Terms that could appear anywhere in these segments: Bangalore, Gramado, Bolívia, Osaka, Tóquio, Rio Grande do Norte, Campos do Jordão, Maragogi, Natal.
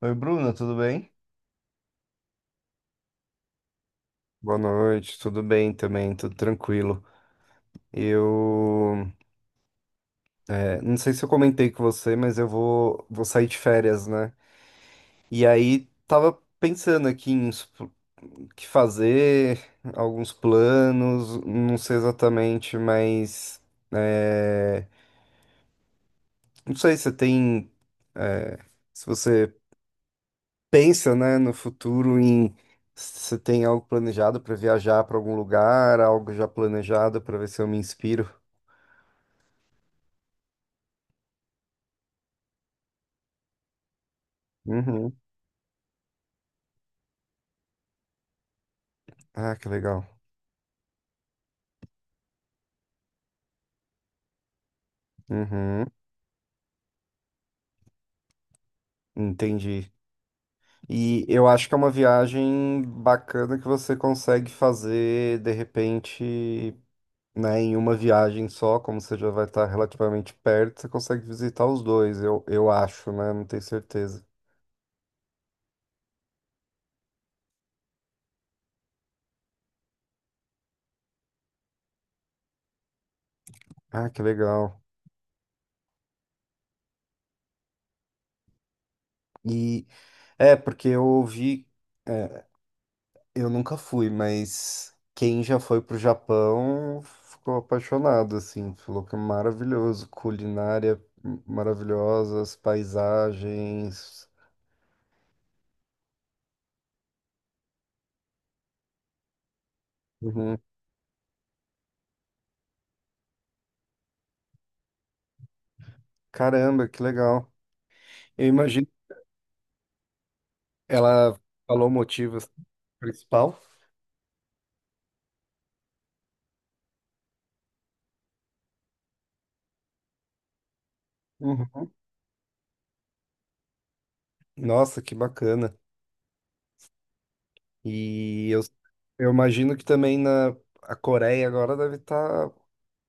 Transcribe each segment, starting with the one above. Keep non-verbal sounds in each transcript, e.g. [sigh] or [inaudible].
Oi, Bruna, tudo bem? Boa noite, tudo bem também, tudo tranquilo. Eu, não sei se eu comentei com você, mas eu vou sair de férias, né? E aí tava pensando aqui em uns que fazer, alguns planos, não sei exatamente, mas é, não sei se você pensa, né, no futuro em se você tem algo planejado para viajar para algum lugar, algo já planejado para ver se eu me inspiro. Ah, que legal. Uhum, entendi. E eu acho que é uma viagem bacana que você consegue fazer de repente, né, em uma viagem só, como você já vai estar relativamente perto, você consegue visitar os dois, eu acho, né? Não tenho certeza. Ah, que legal. E porque eu ouvi. Eu nunca fui, mas quem já foi pro Japão ficou apaixonado, assim, falou que é maravilhoso, culinária maravilhosa, as paisagens. Uhum. Caramba, que legal. Eu imagino. Ela falou o motivo assim, principal. Uhum. Nossa, que bacana. E eu imagino que também na a Coreia agora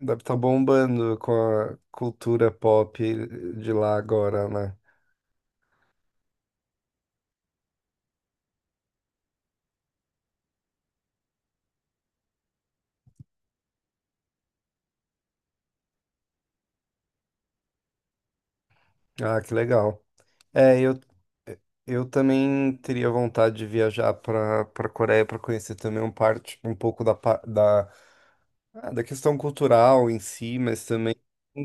deve tá bombando com a cultura pop de lá agora, né? Ah, que legal. É, eu também teria vontade de viajar para Coreia para conhecer também um parte um pouco da pa- da, ah, da questão cultural em si, mas também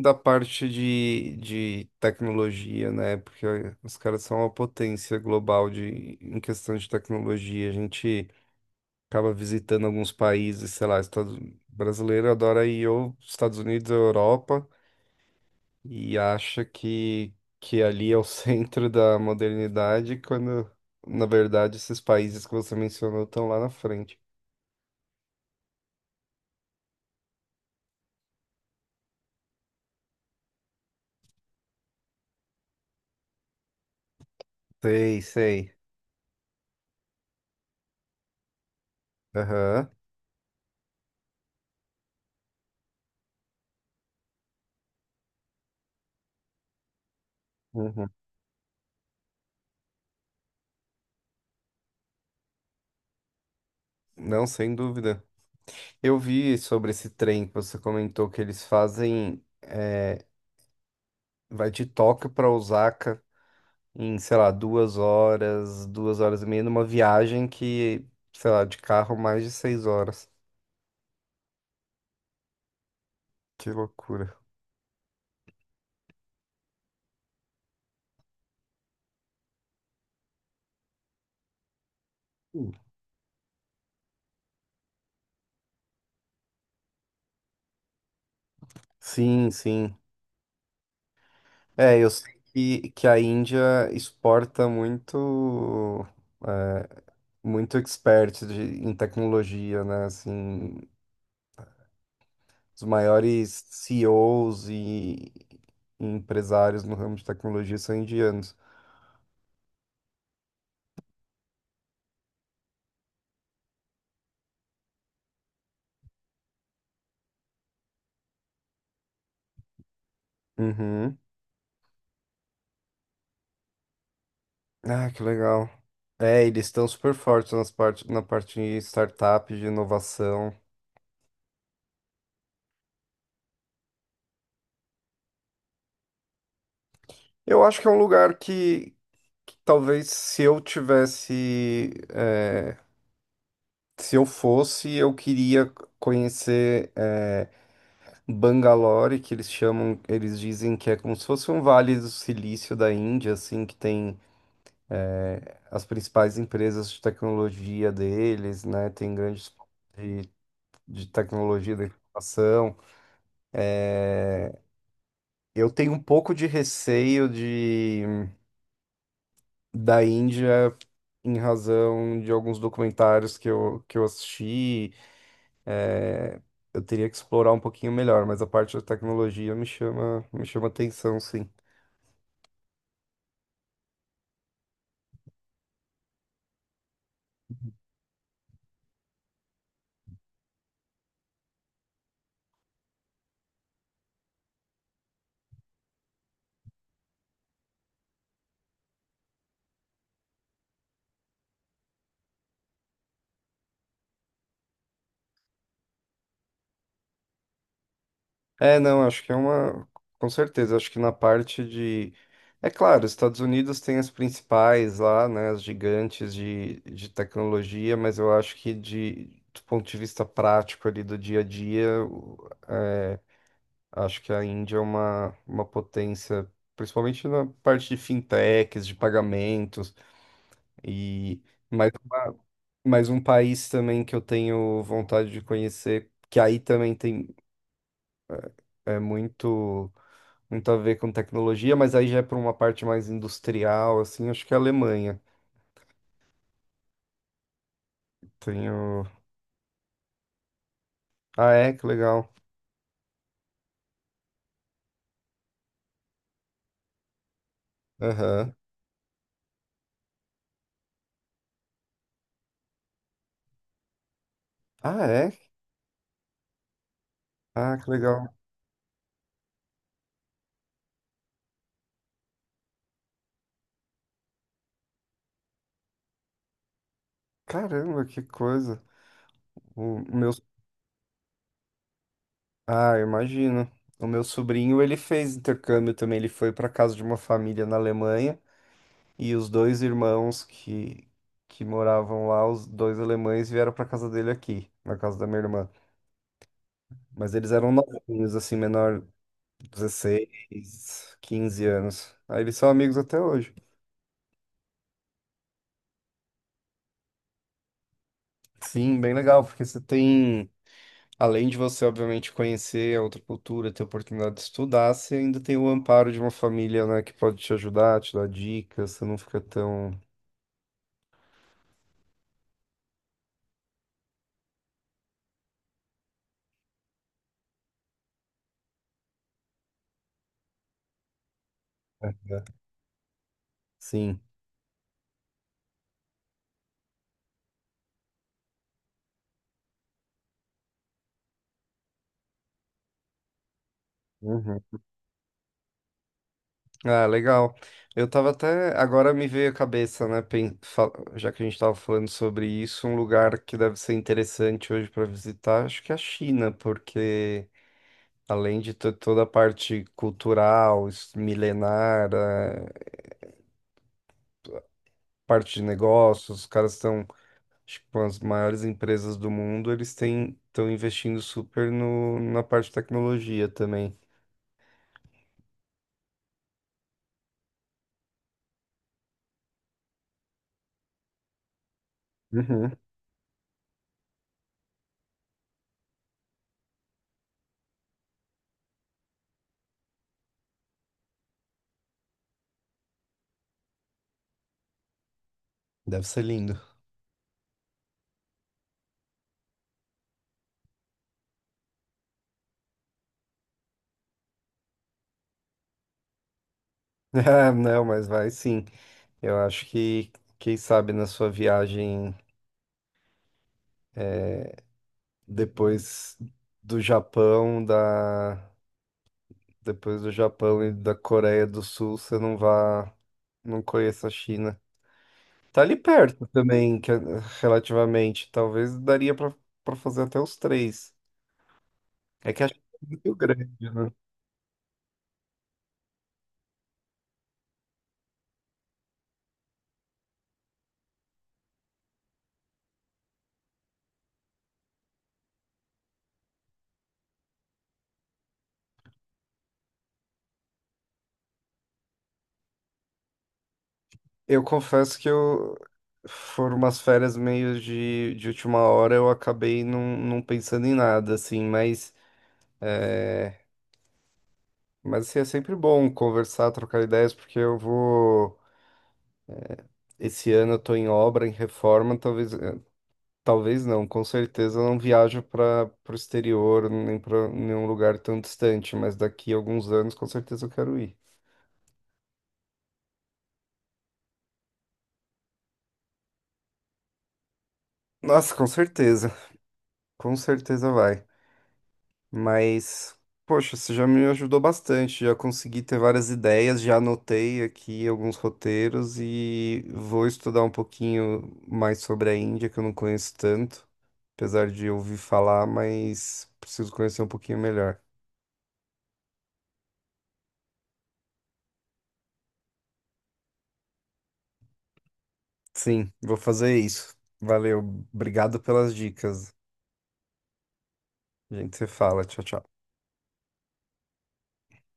da parte de tecnologia, né? Porque os caras são uma potência global de em questão de tecnologia. A gente acaba visitando alguns países, sei lá, Estados brasileiro adora ir ou Estados Unidos ou Europa. E acha que ali é o [laughs] centro da modernidade, quando, na verdade, esses países que você mencionou estão lá na frente. Sei, sei. Aham. Uhum. Não, sem dúvida. Eu vi sobre esse trem que você comentou que eles fazem. Vai de Tóquio para Osaka em, sei lá, 2 horas, 2 horas e meia, numa viagem que, sei lá, de carro mais de 6 horas. Que loucura. Hum. Sim, sim. É, eu sei que a Índia exporta muito, é, muito expert em tecnologia, né? Assim, os maiores CEOs e, Os e empresários no ramo de tecnologia são indianos. Uhum. Ah, que legal. É, eles estão super fortes na parte de startup, de inovação. Eu acho que é um lugar que talvez se eu fosse, eu queria conhecer Bangalore, que eles chamam, eles dizem que é como se fosse um vale do silício da Índia, assim, que tem as principais empresas de tecnologia deles, né? Tem grandes de, de tecnologia da informação. Eu tenho um pouco de receio de da Índia em razão de alguns documentários que eu assisti. Eu teria que explorar um pouquinho melhor, mas a parte da tecnologia me chama atenção, sim. É, não, acho que é uma. Com certeza, acho que na parte de. É claro, os Estados Unidos tem as principais lá, né, as gigantes de tecnologia, mas eu acho que do ponto de vista prático ali do dia a dia, acho que a Índia é uma potência, principalmente na parte de fintechs, de pagamentos, e mais, uma- mais um país também que eu tenho vontade de conhecer, que aí também tem é, muito. muito a ver com tecnologia, mas aí já é para uma parte mais industrial, assim, acho que é a Alemanha. Tenho. Ah, é? Que legal. Aham. Ah, é? Ah, que legal. Caramba, que coisa. O meu. Ah, eu imagino. O meu sobrinho, ele fez intercâmbio também, ele foi para casa de uma família na Alemanha e os dois irmãos que moravam lá, os dois alemães vieram para casa dele aqui, na casa da minha irmã. Mas eles eram novinhos, assim, menor, 16, 15 anos. Aí eles são amigos até hoje. Sim, bem legal, porque você tem, além de você, obviamente, conhecer a outra cultura, ter a oportunidade de estudar, você ainda tem o amparo de uma família, né, que pode te ajudar, te dar dicas, você não fica tão. Né? Sim. Uhum. Ah, legal. Eu tava até. Agora me veio a cabeça, né? Já que a gente tava falando sobre isso, um lugar que deve ser interessante hoje para visitar, acho que é a China, porque. Além de toda a parte cultural, milenar, parte de negócios, os caras estão, acho que com as maiores empresas do mundo, eles têm, estão investindo super no, na parte de tecnologia também. Uhum. Deve ser lindo. [laughs] Ah, não, mas vai sim. Eu acho que, quem sabe, na sua viagem depois do Japão, da, depois do Japão e da Coreia do Sul, você não vá, não conheça a China. Tá ali perto também, relativamente. Talvez daria pra para fazer até os três. É que acho que é muito grande, né? Eu confesso que eu foram umas férias meio de última hora, eu acabei não pensando em nada, assim, mas, assim, é sempre bom conversar, trocar ideias, porque eu vou. Esse ano eu tô em obra, em reforma, talvez, talvez não, com certeza eu não viajo para o exterior, nem para nenhum lugar tão distante, mas daqui a alguns anos com certeza eu quero ir. Nossa, com certeza. Com certeza vai. Mas, poxa, você já me ajudou bastante. Já consegui ter várias ideias, já anotei aqui alguns roteiros e vou estudar um pouquinho mais sobre a Índia, que eu não conheço tanto. Apesar de ouvir falar, mas preciso conhecer um pouquinho melhor. Sim, vou fazer isso. Valeu. Obrigado pelas dicas. A gente se fala. Tchau, tchau.